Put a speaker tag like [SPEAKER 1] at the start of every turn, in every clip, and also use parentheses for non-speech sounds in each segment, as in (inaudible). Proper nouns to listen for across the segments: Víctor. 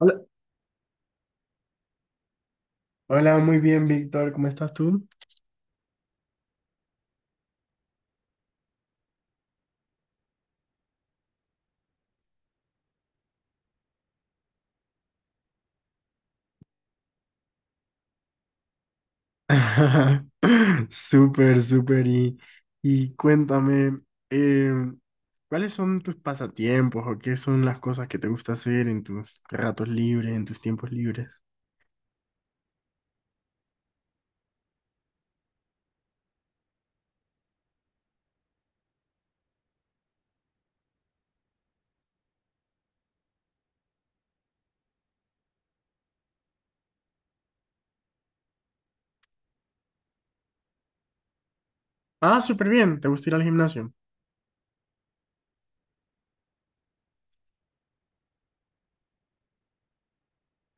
[SPEAKER 1] Hola. Hola, muy bien, Víctor. ¿Cómo estás tú? (laughs) Súper, súper. Y cuéntame, em, ¿cuáles son tus pasatiempos o qué son las cosas que te gusta hacer en tus ratos libres, en tus tiempos libres? Ah, súper bien. ¿Te gusta ir al gimnasio?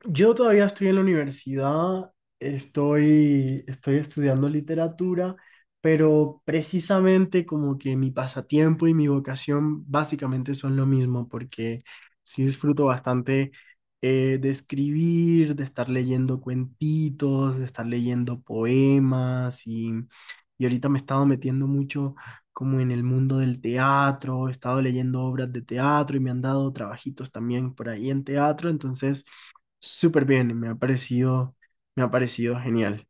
[SPEAKER 1] Yo todavía estoy en la universidad, estoy estudiando literatura, pero precisamente como que mi pasatiempo y mi vocación básicamente son lo mismo, porque sí disfruto bastante de escribir, de estar leyendo cuentitos, de estar leyendo poemas y ahorita me he estado metiendo mucho como en el mundo del teatro, he estado leyendo obras de teatro y me han dado trabajitos también por ahí en teatro, entonces súper bien, me ha parecido genial.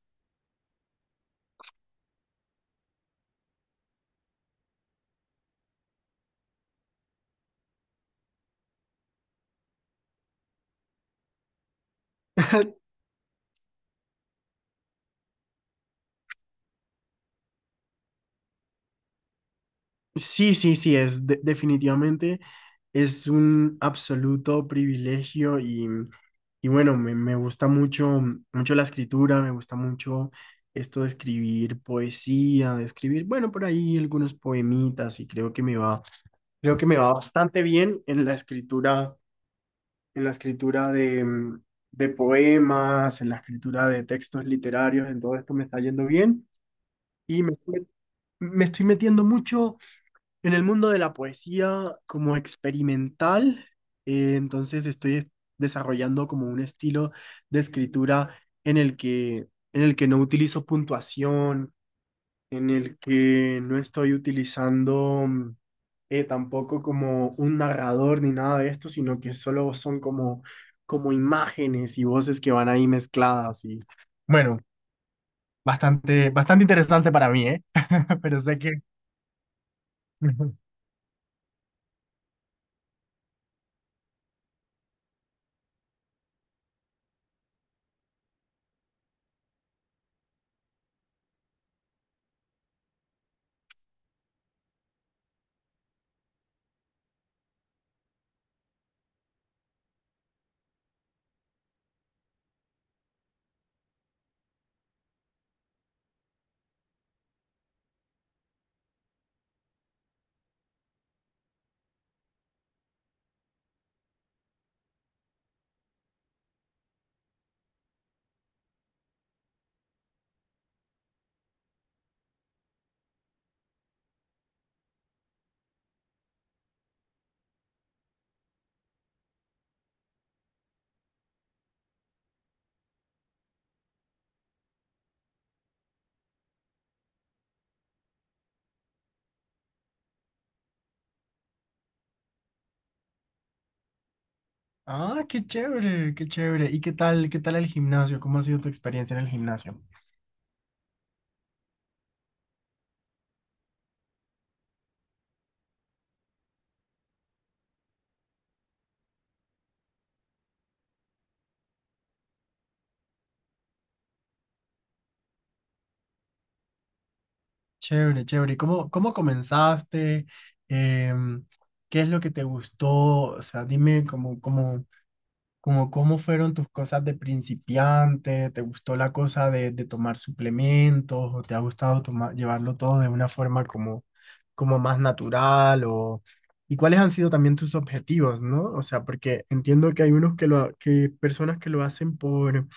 [SPEAKER 1] Sí, sí, sí, es definitivamente es un absoluto privilegio y bueno, me gusta mucho, mucho la escritura, me gusta mucho esto de escribir poesía, de escribir, bueno, por ahí algunos poemitas y creo que me va, creo que me va bastante bien en la escritura de, de poemas, en la escritura de textos literarios, en todo esto me está yendo bien. Y me, estoy Me estoy metiendo mucho en el mundo de la poesía como experimental, entonces desarrollando como un estilo de escritura en el que, en el que no utilizo puntuación, en el que no estoy utilizando tampoco como un narrador ni nada de esto, sino que solo son como, como imágenes y voces que van ahí mezcladas y bueno, bastante, bastante interesante para mí, ¿eh? (laughs) Pero sé que… (laughs) Ah, qué chévere, qué chévere. ¿Y qué tal el gimnasio? ¿Cómo ha sido tu experiencia en el gimnasio? Chévere, chévere. ¿Y cómo, cómo comenzaste? Em, ¿Qué es lo que te gustó? O sea, dime cómo, cómo, cómo, cómo fueron tus cosas de principiante. ¿Te gustó la cosa de tomar suplementos? ¿O te ha gustado tomar, llevarlo todo de una forma como, como más natural? O, ¿y cuáles han sido también tus objetivos, no? O sea, porque entiendo que hay unos que lo, que personas que lo hacen por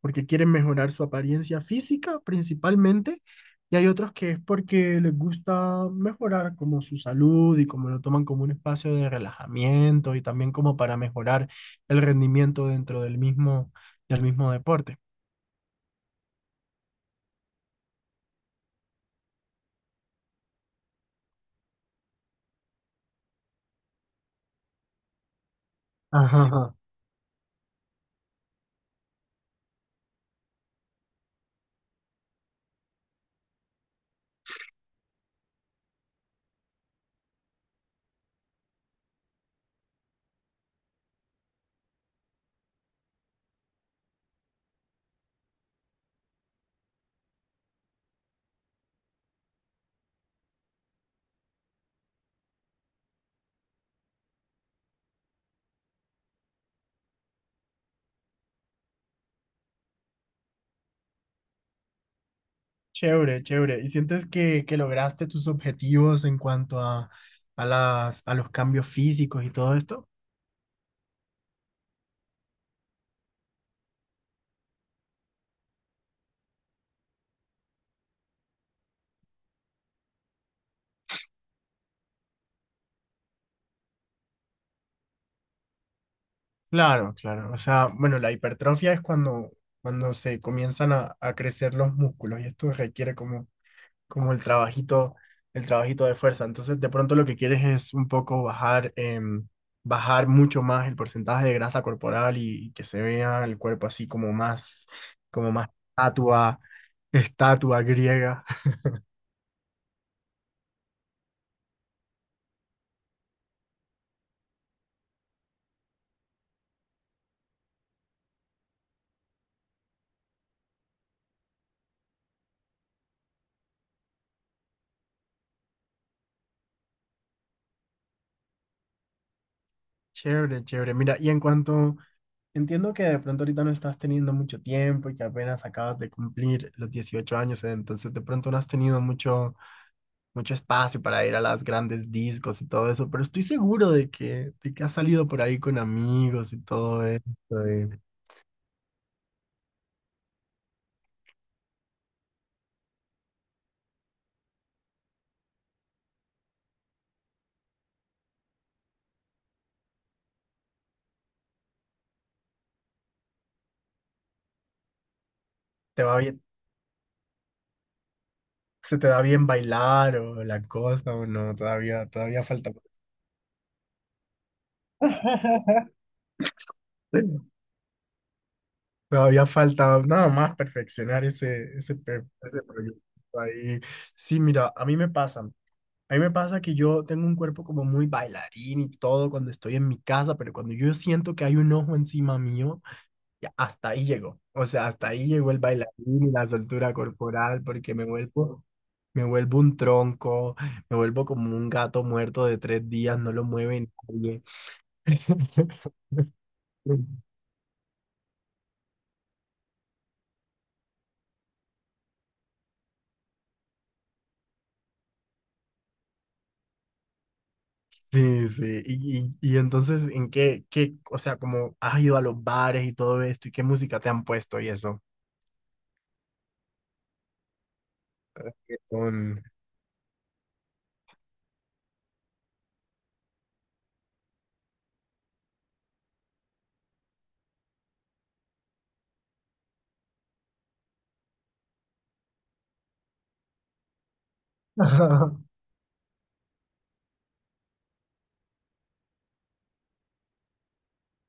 [SPEAKER 1] porque quieren mejorar su apariencia física principalmente, y hay otros que es porque les gusta mejorar como su salud y como lo toman como un espacio de relajamiento y también como para mejorar el rendimiento dentro del mismo deporte. Ajá, ajá. Chévere, chévere. ¿Y sientes que lograste tus objetivos en cuanto a las, a los cambios físicos y todo esto? Claro, claro. O sea, bueno, la hipertrofia es cuando, cuando se comienzan a crecer los músculos y esto requiere como, como el trabajito de fuerza. Entonces, de pronto lo que quieres es un poco bajar, bajar mucho más el porcentaje de grasa corporal y que se vea el cuerpo así como más estatua, estatua griega. (laughs) Chévere, chévere. Mira, y en cuanto entiendo que de pronto ahorita no estás teniendo mucho tiempo y que apenas acabas de cumplir los 18 años, entonces de pronto no has tenido mucho, mucho espacio para ir a las grandes discos y todo eso, pero estoy seguro de que has salido por ahí con amigos y todo esto, y te va bien, se te da bien bailar o la cosa o no, todavía, todavía falta. (laughs) Todavía falta nada más perfeccionar ese, ese, ese proyecto ahí. Sí, mira, a mí me pasa. A mí me pasa que yo tengo un cuerpo como muy bailarín y todo cuando estoy en mi casa, pero cuando yo siento que hay un ojo encima mío, ya hasta ahí llegó. O sea, hasta ahí llegó el bailarín y la soltura corporal porque me vuelvo un tronco, me vuelvo como un gato muerto de tres días, no lo mueve nadie. (laughs) Sí, sí. Y entonces, ¿en qué, qué, o sea, como has ido a los bares y todo esto y qué música te han puesto y eso? Reggaetón. (laughs)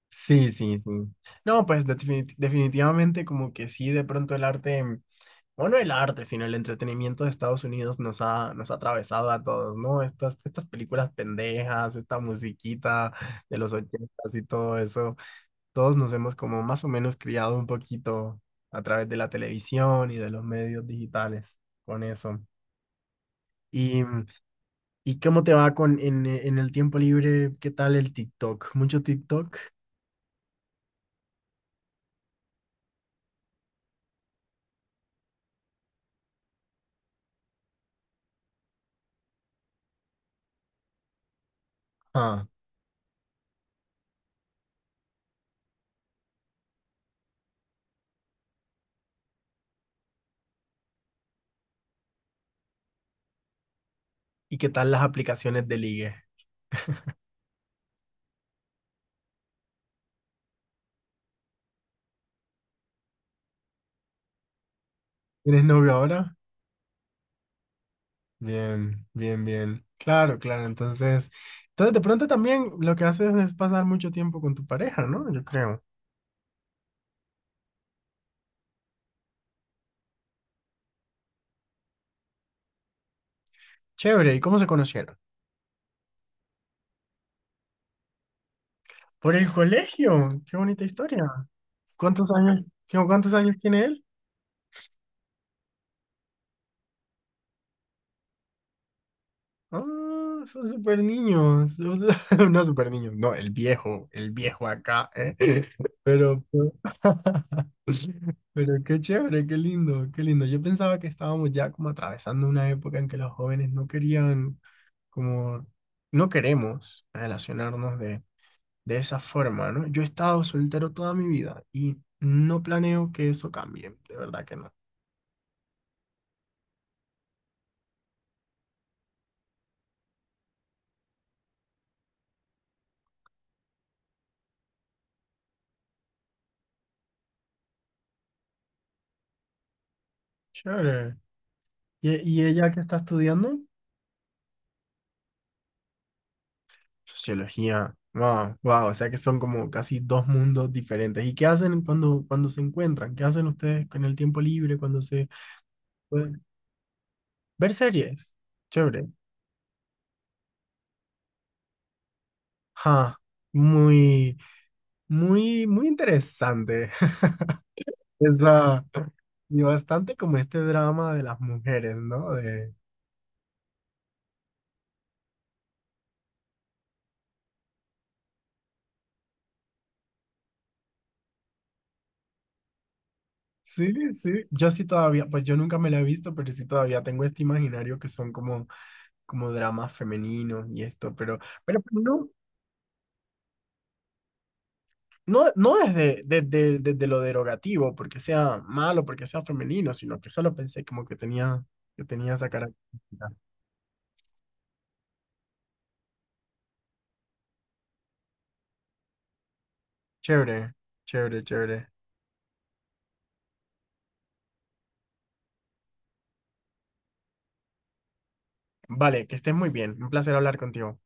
[SPEAKER 1] Sí, sí, sí. No, pues definitivamente como que sí, de pronto el arte, o no el arte, sino el entretenimiento de Estados Unidos nos ha atravesado a todos, ¿no? Estas, estas películas pendejas, esta musiquita de los 80 y todo eso, todos nos hemos como más o menos criado un poquito a través de la televisión y de los medios digitales con eso. ¿Y, y cómo te va con en el tiempo libre? ¿Qué tal el TikTok? ¿Mucho TikTok? Ah. ¿Y qué tal las aplicaciones de ligue? ¿Tienes novio ahora? Bien, bien, bien. Claro, claro. Entonces, entonces de pronto también lo que haces es pasar mucho tiempo con tu pareja, ¿no? Yo creo. Chévere. ¿Y cómo se conocieron? Por el colegio. Qué bonita historia. ¿Cuántos años, cuántos años tiene él? Ah, son super niños. O sea, (laughs) no super niños, no, el viejo acá, ¿eh? (laughs) Pero (laughs) pero qué chévere, qué lindo, qué lindo. Yo pensaba que estábamos ya como atravesando una época en que los jóvenes no querían, como, no queremos relacionarnos de esa forma, ¿no? Yo he estado soltero toda mi vida y no planeo que eso cambie, de verdad que no. Chévere. ¿Y, y ella que está estudiando? Sociología. Wow, wow. O sea que son como casi dos mundos diferentes. ¿Y qué hacen cuando, cuando se encuentran? ¿Qué hacen ustedes con el tiempo libre cuando se pueden ver series? Chévere. Ja, muy, muy, muy interesante. (laughs) Esa, y bastante como este drama de las mujeres, ¿no? De, sí, sí. Yo sí todavía, pues yo nunca me la he visto, pero sí todavía tengo este imaginario que son como, como dramas femeninos y esto, pero no. No, no desde, desde, desde lo derogativo, porque sea malo, porque sea femenino, sino que solo pensé como que tenía esa característica. Chévere, chévere, chévere. Vale, que estés muy bien. Un placer hablar contigo.